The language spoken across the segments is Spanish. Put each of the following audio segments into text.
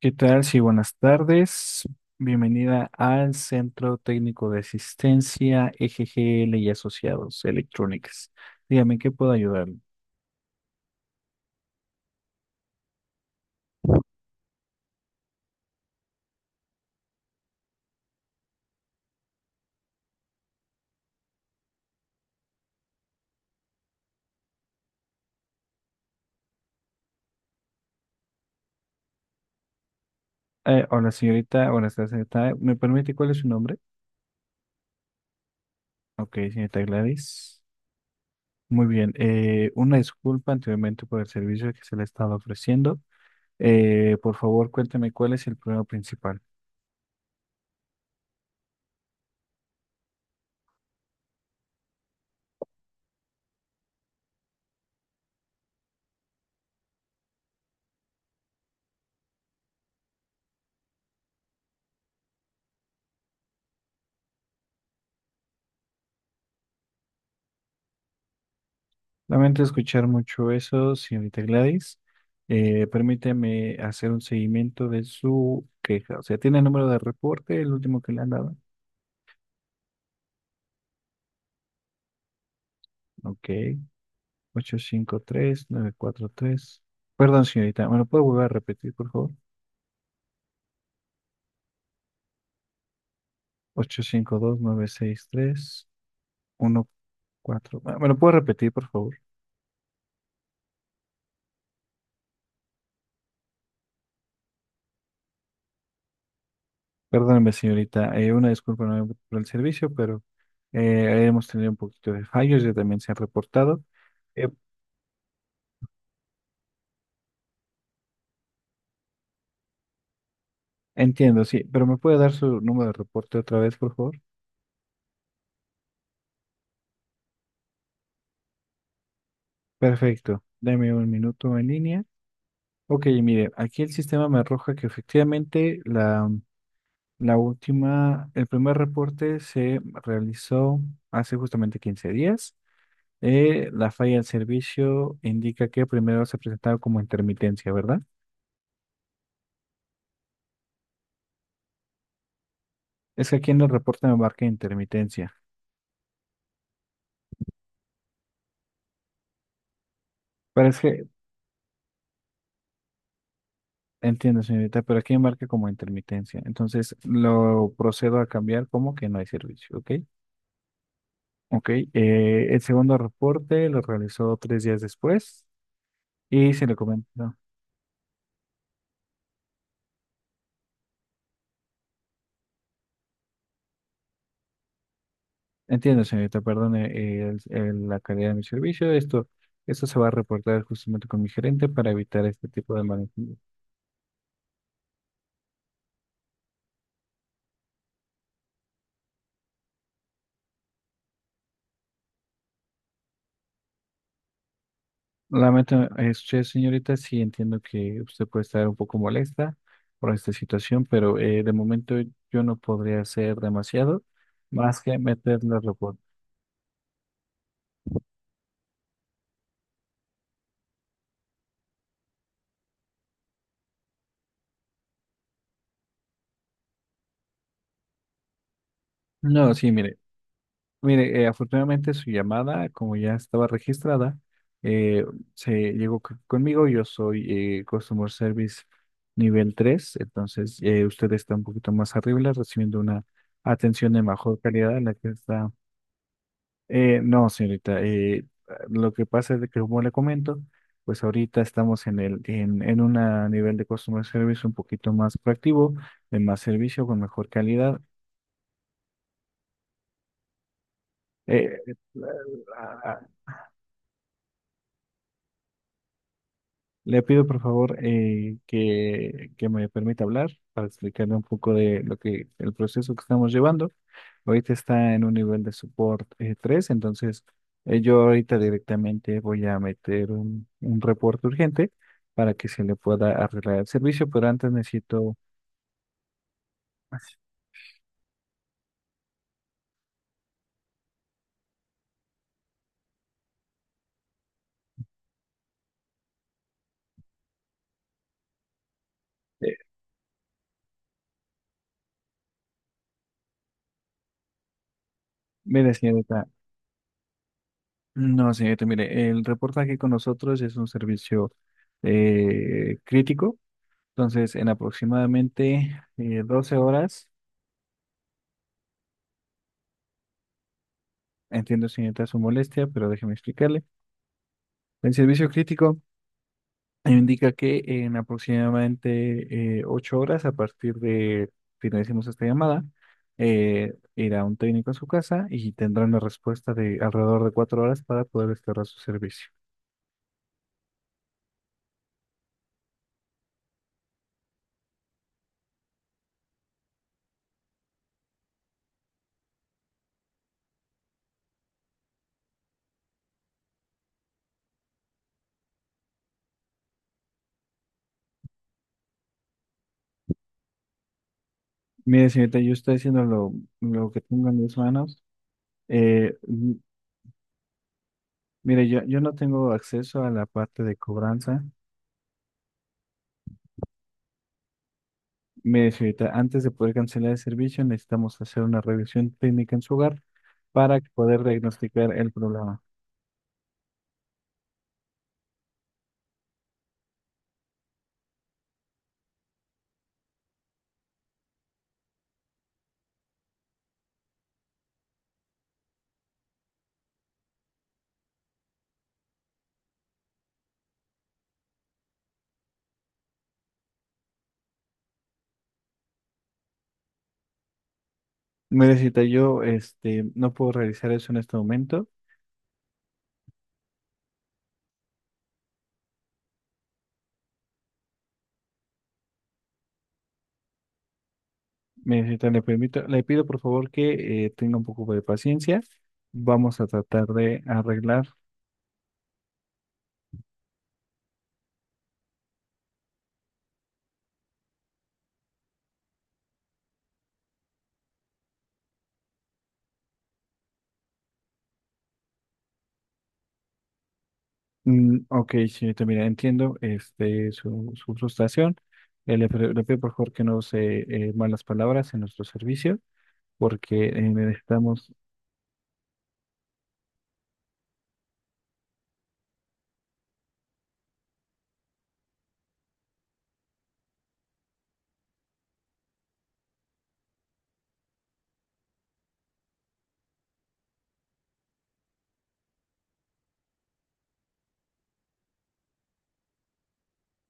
¿Qué tal? Sí, buenas tardes. Bienvenida al Centro Técnico de Asistencia EGGL y Asociados Electrónicas. Dígame, ¿en ¿qué puedo ayudarle? Hola, señorita. Hola, señorita. ¿Me permite cuál es su nombre? Ok, señorita Gladys. Muy bien. Una disculpa anteriormente por el servicio que se le estaba ofreciendo. Por favor, cuénteme cuál es el problema principal. Lamento escuchar mucho eso, señorita Gladys. Permítame hacer un seguimiento de su queja. O sea, ¿tiene el número de reporte, el último que le han dado? Ok, ocho cinco tres nueve cuatro tres. Perdón, señorita, ¿me lo puedo volver a repetir, por favor? 852-963-14. Ah, ¿me lo puedo repetir, por favor? Perdóneme, señorita. Una disculpa nuevamente por el servicio, pero hemos tenido un poquito de fallos, ya también se han reportado. Eh, Entiendo, sí, pero ¿me puede dar su número de reporte otra vez, por favor? Perfecto, dame un minuto en línea. Ok, mire, aquí el sistema me arroja que efectivamente la última, el primer reporte se realizó hace justamente 15 días. La falla del servicio indica que primero se presentaba como intermitencia, ¿verdad? Es que aquí en el reporte me marca intermitencia. Parece, Entiendo, señorita, pero aquí me marca como intermitencia. Entonces lo procedo a cambiar como que no hay servicio, ¿ok? Ok, el segundo reporte lo realizó tres días después y se le comentó. Entiendo, señorita, perdone la calidad de mi servicio. Esto se va a reportar justamente con mi gerente para evitar este tipo de malentendidos. Lamento, usted, señorita, sí entiendo que usted puede estar un poco molesta por esta situación, pero de momento yo no podría hacer demasiado más que meterle el reporte. No, sí, mire. Mire, afortunadamente su llamada, como ya estaba registrada, eh, conmigo. Yo soy Customer Service nivel 3, entonces usted está un poquito más arriba, recibiendo una atención de mejor calidad de la que está. No, señorita, lo que pasa es de que, como le comento, pues ahorita estamos en un nivel de Customer Service un poquito más proactivo, de más servicio, con mejor calidad. Eh, eh, Le pido por favor que me permita hablar para explicarle un poco de lo que el proceso que estamos llevando. Ahorita está en un nivel de support 3, entonces yo ahorita directamente voy a meter un reporte urgente para que se le pueda arreglar el servicio, pero antes necesito eh, mire, señorita, no, señorita, mire, el reportaje con nosotros es un servicio crítico, entonces en aproximadamente 12 horas. Entiendo, señorita, su molestia, pero déjeme explicarle. El servicio crítico indica que en aproximadamente ocho horas, a partir de finalicemos esta llamada, irá un técnico a su casa y tendrá una respuesta de alrededor de cuatro horas para poder restaurar su servicio. Mire, señorita, yo estoy haciendo lo que tengo en mis manos. Eh, m- Mire, yo no tengo acceso a la parte de cobranza. Mire, señorita, antes de poder cancelar el servicio, necesitamos hacer una revisión técnica en su hogar para poder diagnosticar el problema. Mire, señorita, yo este, no puedo realizar eso en este momento. Mire, señorita, le permito, le pido por favor que tenga un poco de paciencia. Vamos a tratar de arreglar. Mm, ok, señorita, mira, entiendo este, su frustración. Le pido por favor que no use malas palabras en nuestro servicio porque necesitamos...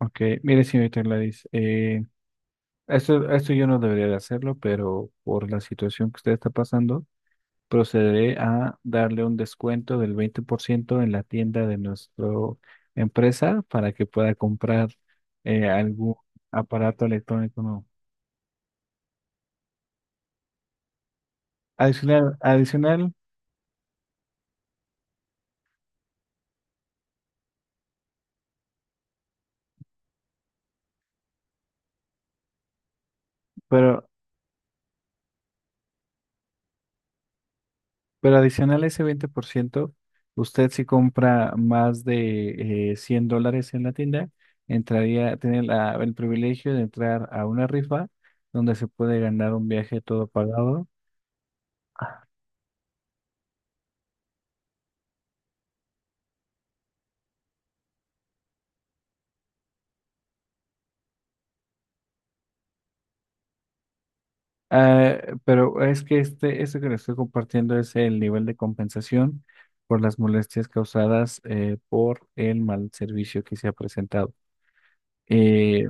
Ok, mire, señorita Gladys, esto yo no debería de hacerlo, pero por la situación que usted está pasando, procederé a darle un descuento del 20% en la tienda de nuestra empresa para que pueda comprar algún aparato electrónico nuevo. Adicional, adicional, pero, pero adicional a ese 20%, usted si compra más de $100 en la tienda, entraría, tiene el privilegio de entrar a una rifa donde se puede ganar un viaje todo pagado. Ah, pero es que este, esto que les estoy compartiendo es el nivel de compensación por las molestias causadas por el mal servicio que se ha presentado. Eh,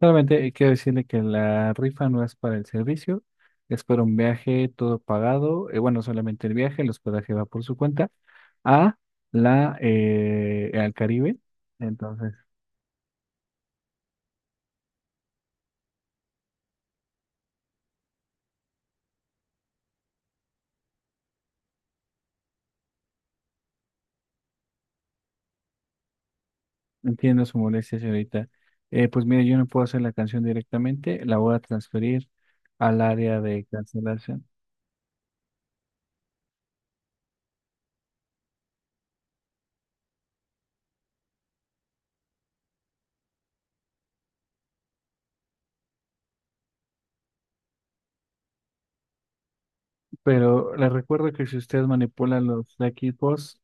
Solamente quiero decirle que la rifa no es para el servicio, es para un viaje todo pagado. Bueno, solamente el viaje, el hospedaje va por su cuenta a la al Caribe. Entonces, Entiendo su molestia, señorita. Pues mire, yo no puedo hacer la canción directamente, la voy a transferir al área de cancelación. Pero le recuerdo que si usted manipula los equipos,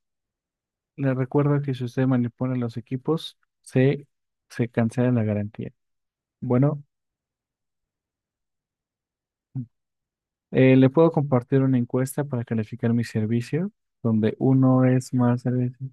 le recuerdo que si usted manipula los equipos, se cancela la garantía. Bueno, le puedo compartir una encuesta para calificar mi servicio, donde uno es más servicio.